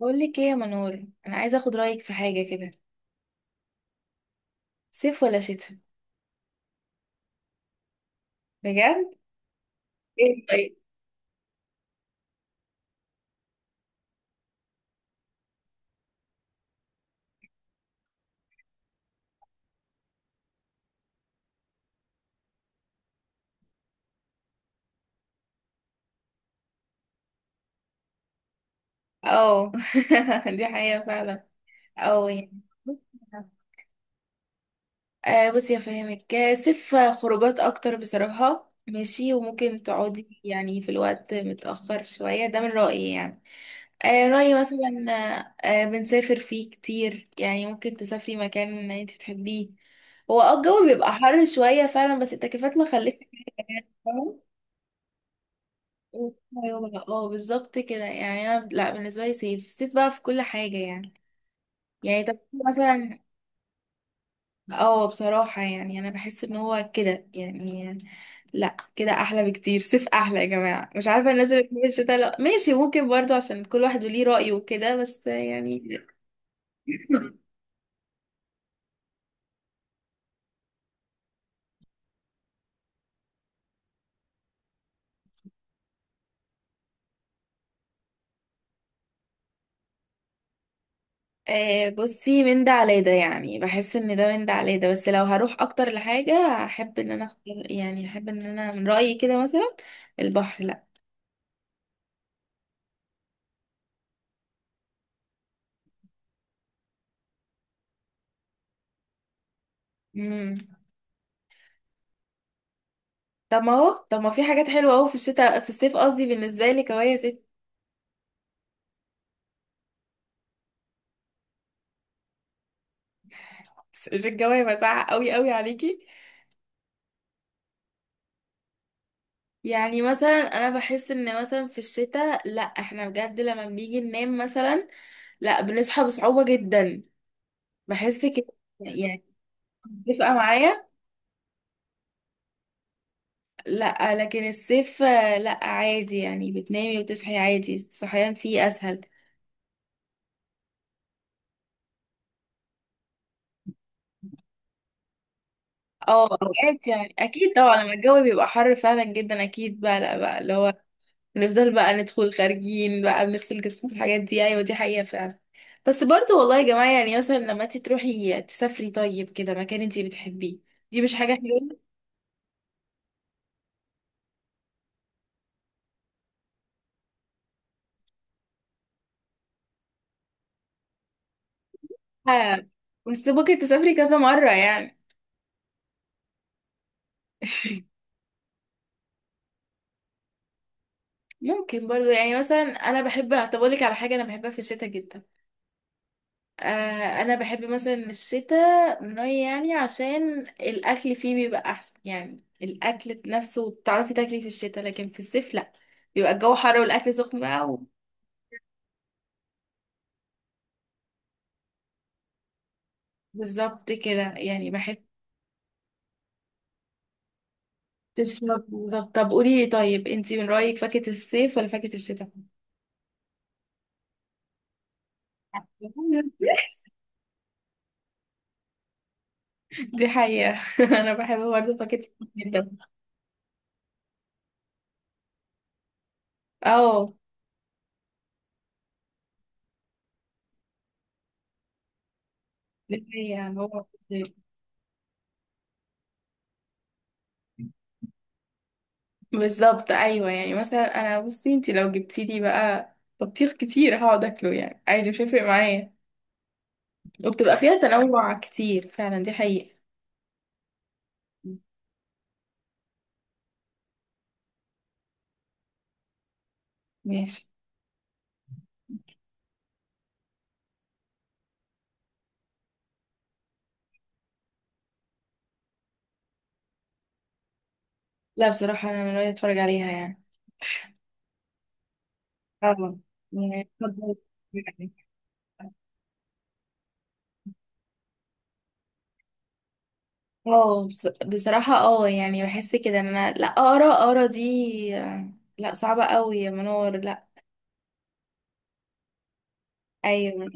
بقول لك ايه يا منور. انا عايزه اخد رايك في حاجه كده. صيف ولا شتاء؟ بجد؟ ايه، طيب. اه. دي حقيقه فعلا. اه، يعني. بصي افهمك، صيف خروجات اكتر بصراحه ماشي، وممكن تقعدي يعني في الوقت متأخر شوية، ده من رأيي يعني. رأيي مثلا. بنسافر فيه كتير يعني، ممكن تسافري مكان انت بتحبيه. هو الجو بيبقى حر شوية فعلا، بس التكييفات ما خلتش. ايوه، اه، بالظبط كده يعني، انا لا، بالنسبه لي سيف سيف بقى في كل حاجه يعني. يعني، طب. مثلا. اه، بصراحه يعني انا بحس ان هو كده يعني. لا، كده احلى بكتير. سيف احلى يا جماعه. مش عارفه الناس اللي بتحب الشتا، لا ماشي، ممكن برضو عشان كل واحد وليه رايه وكده، بس يعني. بصي، من ده على ده يعني، بحس ان ده من ده على ده، بس لو هروح اكتر لحاجه، احب ان انا اختار، يعني احب ان انا من رايي كده مثلا. البحر، لا. امم. طب ما في حاجات حلوه قوي في الشتاء، في الصيف قصدي، بالنسبه لك اهو يا ست. مش الجو مساعة قوي قوي عليكي؟ يعني مثلا انا بحس ان مثلا في الشتاء، لا احنا بجد لما بنيجي ننام مثلا، لا بنصحى بصعوبة جدا. بحس كده. يعني. متفقة معايا؟ لا لكن الصيف، لا عادي يعني بتنامي وتصحي عادي، الصحيان فيه اسهل. اه، اوقات يعني اكيد طبعا لما الجو بيبقى حر فعلا جدا، اكيد بقى، لا بقى اللي هو، نفضل بقى ندخل خارجين بقى بنغسل جسمنا في الحاجات دي. ايوه، دي حقيقة فعلا. بس برضو والله يا جماعة، يعني مثلا لما انت تروحي تسافري طيب كده مكان انت بتحبيه، دي مش حاجة حلوة، بس ممكن تسافري كذا مرة يعني. ممكن برضو، يعني مثلا انا بحب. هطبقلك على حاجة انا بحبها في الشتاء جدا. انا بحب مثلا الشتاء، من رأيي يعني، عشان الاكل فيه بيبقى احسن، يعني الاكل نفسه بتعرفي تاكلي في الشتاء، لكن في الصيف لا، بيبقى الجو حر والاكل سخن بقى. بالظبط كده يعني بحس. تشرب بالظبط. طب قولي لي طيب، انتي من رأيك فاكهة الصيف ولا فاكهة الشتاء؟ دي حقيقة. انا بحب برضه فاكهة الصيف جدا. اه. دي حقيقة هو. غير. بالظبط، ايوه يعني مثلا انا بصي، انتي لو جبتي لي بقى بطيخ كتير، هقعد اكله يعني عادي، مش هيفرق معايا. وبتبقى فيها تنوع كتير فعلا، دي حقيقة. ماشي. لا بصراحة انا من رأيي اتفرج عليها يعني. اه. يعني اتفضل. اه، بصراحة، يعني بحس كده ان انا لا اقرا اقرا دي، لا صعبة قوي يا منور، لا. ايوه.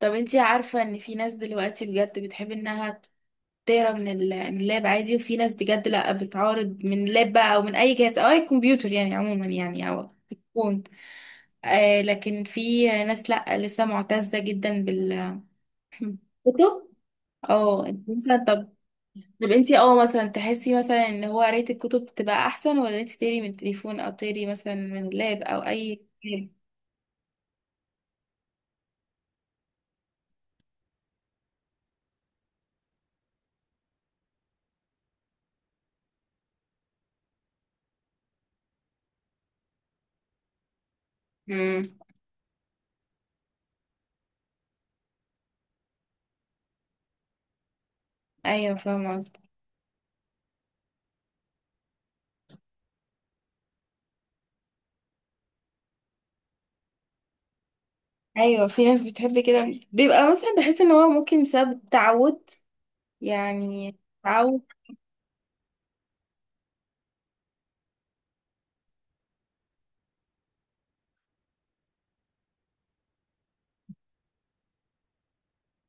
طب انتي عارفة ان في ناس دلوقتي بجد بتحب انها تقرا من اللاب عادي، وفي ناس بجد لا، بتعارض من اللاب بقى، او من اي جهاز او اي كمبيوتر يعني عموما يعني، او تكون، لكن في ناس لا لسه معتزة جدا بال كتب. اه، انت مثلا، طب. طب انتي مثلا تحسي مثلا ان هو قراية الكتب تبقى احسن، ولا انتي تقري من التليفون، او تقري مثلا من اللاب، او اي كتاب؟ امم. ايوه، فاهمة قصدك. ايوه، في ناس بتحب كده، بيبقى مثلا بحس ان هو ممكن بسبب التعود يعني، تعود.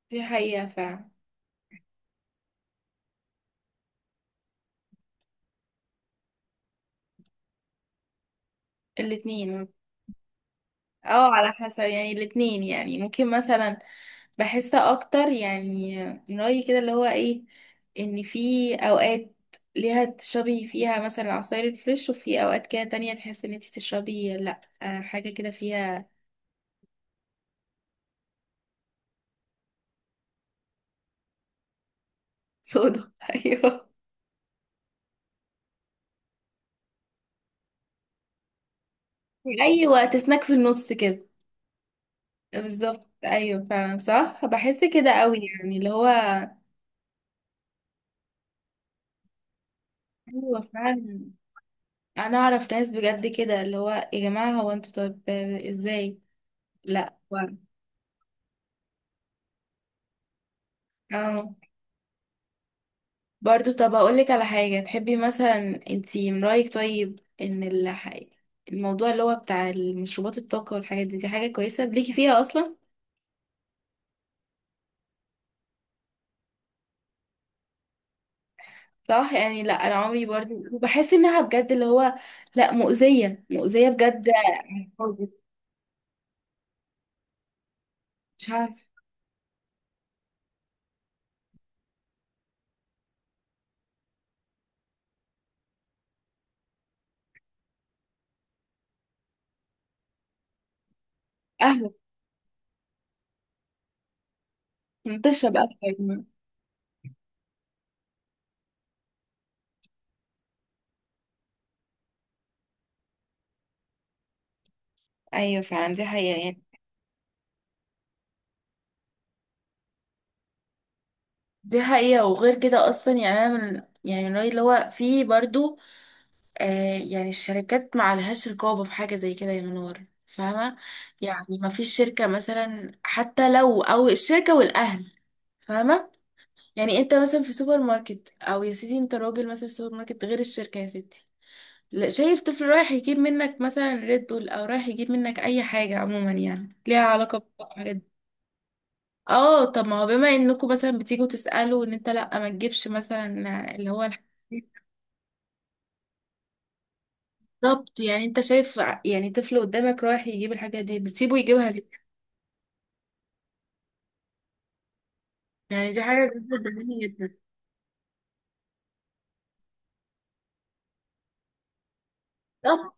دي حقيقة فعلا. الاتنين. اه، على حسب يعني، الاتنين يعني ممكن مثلا، بحس اكتر يعني، من رأيي كده اللي هو ايه، ان في اوقات ليها تشربي فيها مثلا عصاير الفريش، وفي اوقات كده تانية تحس ان انتي تشربي لا، حاجة كده فيها صودا. ايوه. ايوه، تسناك في النص كده. بالظبط، ايوه فعلا، صح، بحس كده قوي يعني اللي هو. ايوه فعلا، انا اعرف ناس بجد كده اللي هو، يا جماعة هو انتوا طب ازاي؟ لا. اه. برضو، طب اقولك على حاجة تحبي مثلا انتي، من رأيك طيب، الموضوع اللي هو بتاع المشروبات الطاقة والحاجات دي، دي حاجة كويسة ليكي فيها اصلا؟ صح يعني، لا انا عمري برضو، بحس انها بجد اللي هو، لا، مؤذية مؤذية بجد. مش عارف. قهوة. بتشرب قهوة يا جماعة. ايوه فعلا، دي حقيقة يعني. دي حقيقة، وغير كده اصلا يعني انا من، يعني من رأيي اللي هو في برضو، يعني الشركات ما عليهاش رقابة في حاجة زي كده يا منور، فاهمة؟ يعني ما فيش شركة مثلا، حتى لو أو الشركة والأهل، فاهمة؟ يعني أنت مثلا في سوبر ماركت، أو يا سيدي أنت راجل مثلا في سوبر ماركت غير الشركة يا ستي، لا، شايف طفل رايح يجيب منك مثلا ريد بول، أو رايح يجيب منك أي حاجة عموما يعني ليها علاقة بالحاجات دي. اه، طب ما هو بما انكم مثلا بتيجوا تسألوا، ان انت لا ما تجيبش مثلا اللي هو الحاجات. بالظبط، يعني انت شايف يعني طفل قدامك رايح يجيب الحاجة دي، بتسيبه يجيبها ليه؟ يعني دي حاجة بجد جميلة جدا. بالظبط،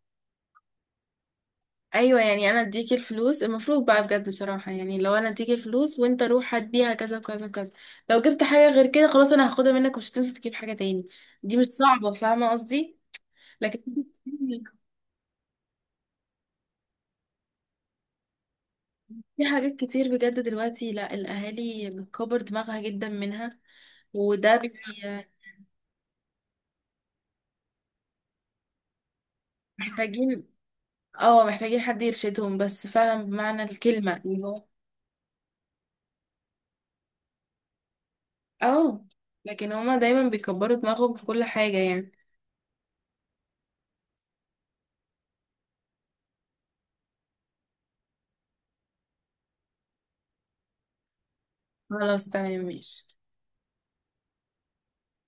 ايوه، يعني انا اديك الفلوس المفروض بقى بجد بصراحة، يعني لو انا اديك الفلوس وانت روح هات بيها كذا وكذا وكذا، لو جبت حاجة غير كده خلاص انا هاخدها منك، ومش هتنسى تجيب حاجة تاني. دي مش صعبة، فاهمة قصدي؟ لكن. في حاجات كتير بجد دلوقتي، لا الاهالي بتكبر دماغها جدا منها، وده محتاجين اه محتاجين حد يرشدهم، بس فعلا بمعنى الكلمة اللي هو. اه، لكن هما دايما بيكبروا دماغهم في كل حاجة يعني. خلاص، تمام، ماشي.